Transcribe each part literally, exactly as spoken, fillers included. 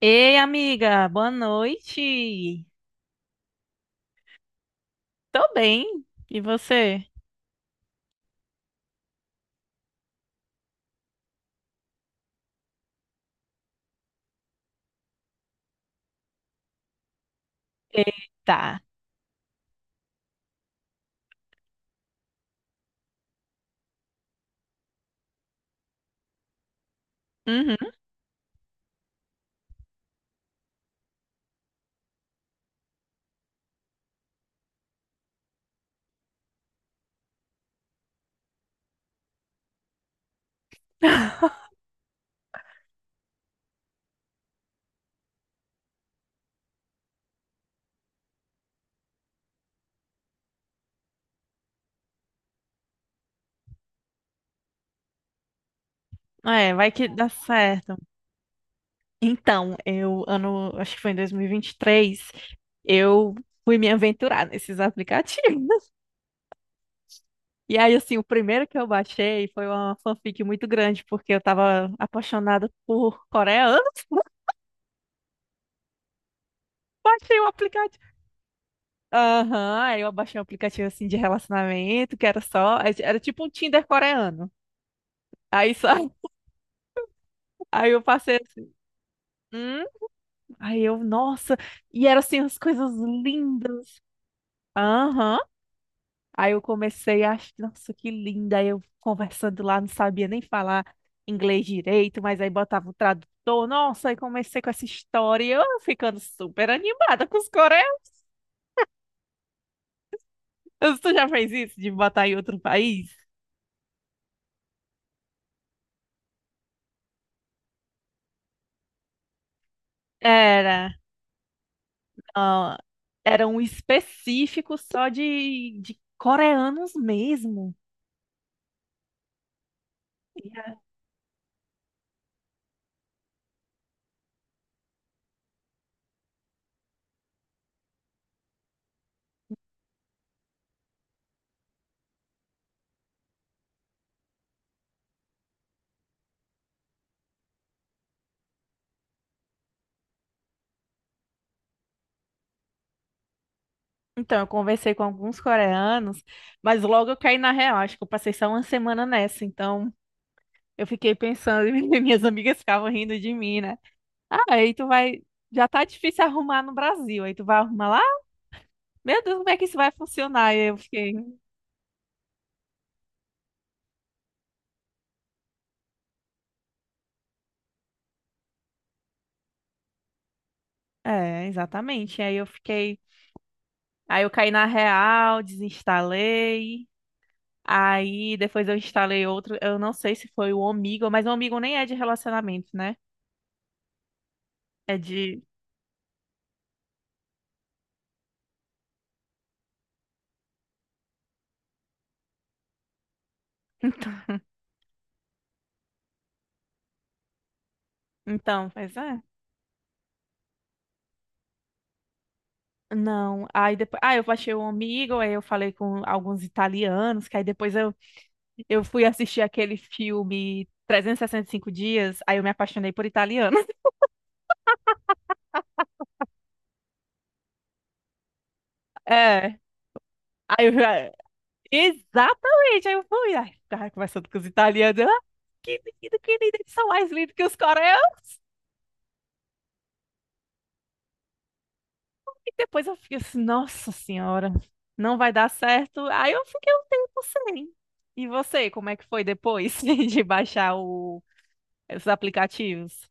Ei, amiga, boa noite. Tô bem. E você? Eita. Uhum. É, vai que dá certo. Então, eu, ano, acho que foi em dois mil e e vinte e três, eu fui me aventurar nesses aplicativos. E aí, assim, o primeiro que eu baixei foi uma fanfic muito grande, porque eu tava apaixonada por coreano. Baixei o aplicativo. Aham, aí eu baixei um aplicativo, assim, de relacionamento, que era só. Era tipo um Tinder coreano. Aí só. Aí eu passei assim. Hum? Aí eu, nossa, e eram assim as coisas lindas. Aham. Aí eu comecei a, ach- nossa, que linda. Aí eu conversando lá, não sabia nem falar inglês direito, mas aí botava o tradutor. Nossa, aí comecei com essa história, e eu ficando super animada com os coreanos. Tu já fez isso de botar em outro país? Era, ah, era um específico só de, de coreanos mesmo. Então, eu conversei com alguns coreanos, mas logo eu caí na real. Acho que eu passei só uma semana nessa. Então, eu fiquei pensando, e minhas amigas ficavam rindo de mim, né? Ah, aí tu vai. Já tá difícil arrumar no Brasil. Aí tu vai arrumar lá? Meu Deus, como é que isso vai funcionar? E eu fiquei. É, exatamente. Aí eu fiquei. Aí eu caí na real, desinstalei. Aí depois eu instalei outro. Eu não sei se foi o Omigo, mas o Omigo nem é de relacionamento, né? É de. Então, pois é. Não, aí depois, ah, eu achei um amigo, aí eu falei com alguns italianos, que aí depois eu, eu fui assistir aquele filme trezentos e sessenta e cinco dias, aí eu me apaixonei por italiano. É, aí eu, já- exatamente, aí eu fui, aí ficava conversando com os italianos, eu, ah, que menino, que lindo, eles são mais lindos que os coreanos, e depois eu fiquei assim, nossa senhora, não vai dar certo, aí eu fiquei um tempo sem. E você, como é que foi depois de baixar o, esses aplicativos?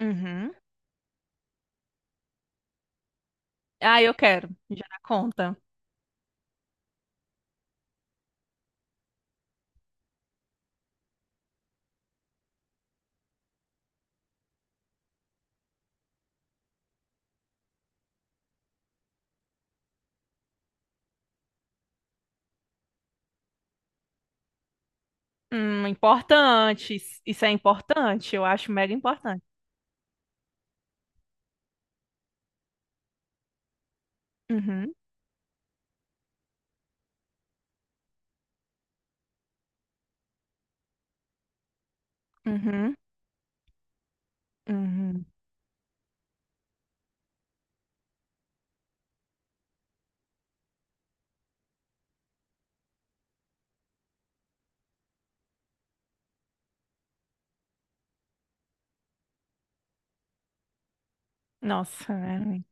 Uhum. Ah, eu quero. Já dá conta. Hum, importante. Isso isso é importante. Eu acho mega importante. Uhum, uhum, uhum. Nossa, é.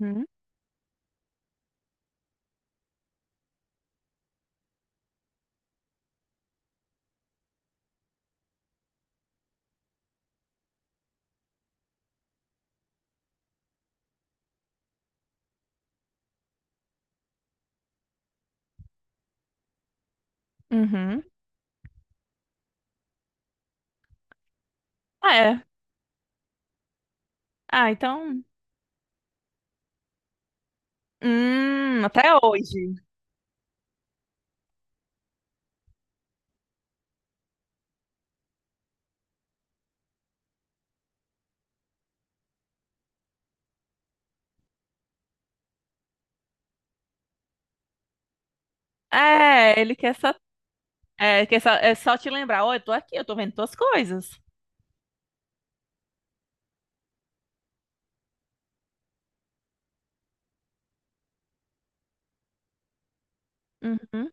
Uhum, uhum. Ah, é. Ah, então. Hum, até hoje. É, ele quer só, é, quer só, é só te lembrar. Ó, eu tô aqui, eu tô vendo tuas coisas. Uhum.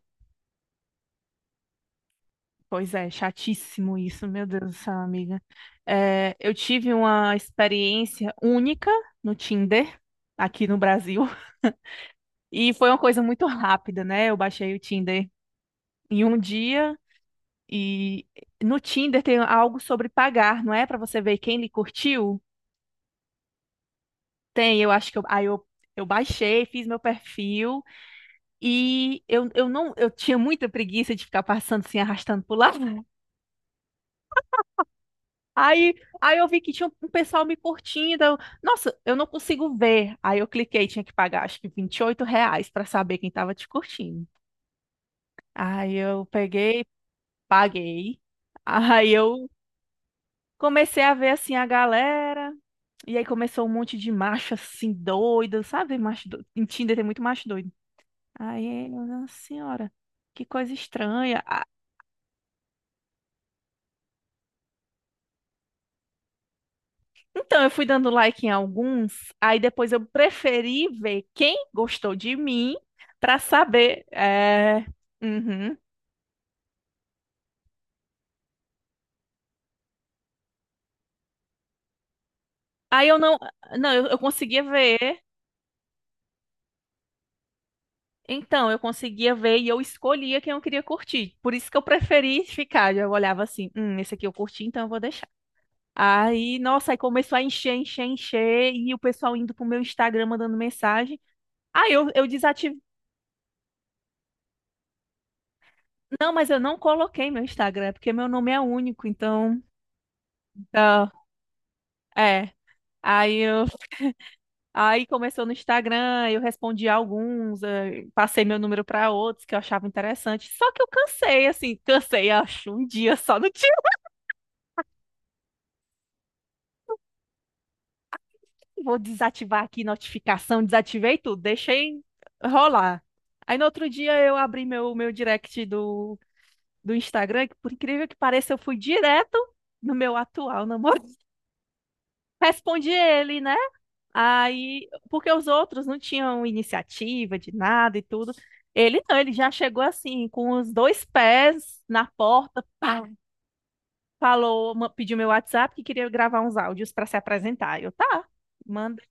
Pois é, chatíssimo isso, meu Deus do céu, amiga. É, eu tive uma experiência única no Tinder, aqui no Brasil. E foi uma coisa muito rápida, né? Eu baixei o Tinder em um dia e no Tinder tem algo sobre pagar, não é? Pra você ver quem lhe curtiu. Tem, eu acho que eu, aí eu, eu baixei, fiz meu perfil e eu, eu não eu tinha muita preguiça de ficar passando assim, arrastando pro lado. Aí, aí eu vi que tinha um pessoal me curtindo. Eu, nossa, eu não consigo ver. Aí eu cliquei, tinha que pagar acho que vinte e oito reais pra saber quem tava te curtindo. Aí eu peguei, paguei. Aí eu comecei a ver assim a galera, e aí começou um monte de macho assim doido, sabe? Macho doido. Em Tinder tem muito macho doido. Aí, eu, nossa senhora, que coisa estranha. Ah, então eu fui dando like em alguns, aí depois eu preferi ver quem gostou de mim pra saber. É. Uhum. Aí eu não, não, eu, eu conseguia ver. Então, eu conseguia ver e eu escolhia quem eu queria curtir. Por isso que eu preferi ficar. Eu olhava assim, hum, esse aqui eu curti, então eu vou. Aí, nossa, aí começou a encher, encher, encher, e o pessoal indo pro meu Instagram mandando mensagem. Aí eu, eu desativei. Não, mas eu não coloquei meu Instagram, porque meu nome é único, então. Tá, é. Aí eu, aí começou no Instagram, eu respondi alguns, eh, passei meu número para outros que eu achava interessante. Só que eu cansei, assim, cansei, acho, um dia só no dia. Vou desativar aqui notificação, desativei tudo, deixei rolar. Aí no outro dia eu abri meu, meu direct do do Instagram, que por incrível que pareça, eu fui direto no meu atual namorado. Respondi ele, né? Aí, porque os outros não tinham iniciativa de nada e tudo. Ele não, ele já chegou assim, com os dois pés na porta, pá, falou, ma- pediu meu WhatsApp que queria gravar uns áudios para se apresentar. Eu, tá, manda.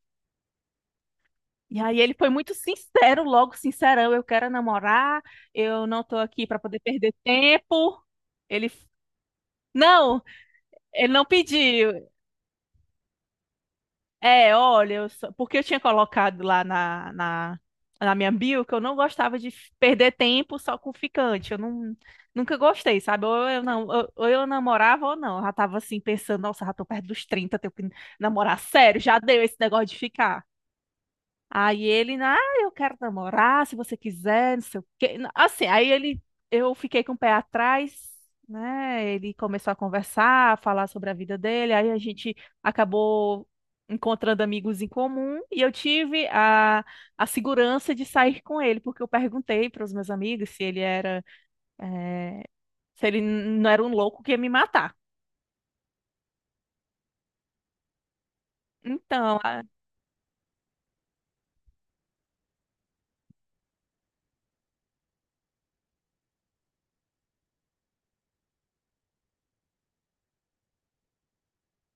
E aí ele foi muito sincero, logo sincerão, eu quero namorar, eu não tô aqui para poder perder tempo. Ele, não, ele não pediu. É, olha, eu só- porque eu tinha colocado lá na, na, na minha bio que eu não gostava de f- perder tempo só com ficante. Eu não, nunca gostei, sabe? Ou eu, não, ou, ou eu namorava ou não. Eu já tava assim pensando, nossa, já tô perto dos trinta, tenho que namorar sério, já deu esse negócio de ficar. Aí ele, ah, eu quero namorar, se você quiser, não sei o quê. Assim, aí ele, eu fiquei com o pé atrás, né? Ele começou a conversar, a falar sobre a vida dele, aí a gente acabou encontrando amigos em comum e eu tive a, a segurança de sair com ele, porque eu perguntei para os meus amigos se ele era, eh, se ele não era um louco que ia me matar. Então,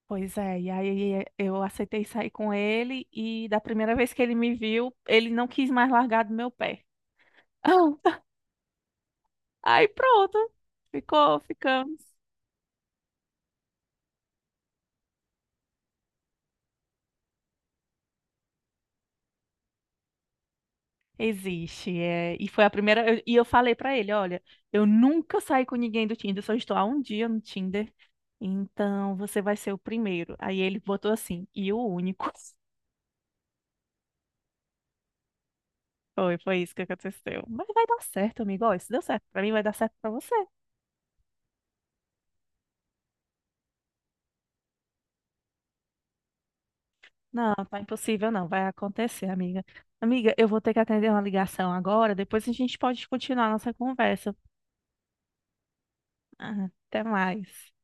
pois é, e aí eh, eu aceitei sair com ele e da primeira vez que ele me viu, ele não quis mais largar do meu pé. Aí pronto, ficou, ficamos. Existe, é, e foi a primeira, eu- e eu falei pra ele, olha, eu nunca saí com ninguém do Tinder, só estou há um dia no Tinder, então você vai ser o primeiro. Aí ele botou assim, e o único. Foi, foi isso que aconteceu. Mas vai dar certo, amigo, ó, se deu certo pra mim, vai dar certo pra você. Não, tá impossível não, vai acontecer, amiga. Amiga, eu vou ter que atender uma ligação agora, depois a gente pode continuar a nossa conversa. Ah, até mais.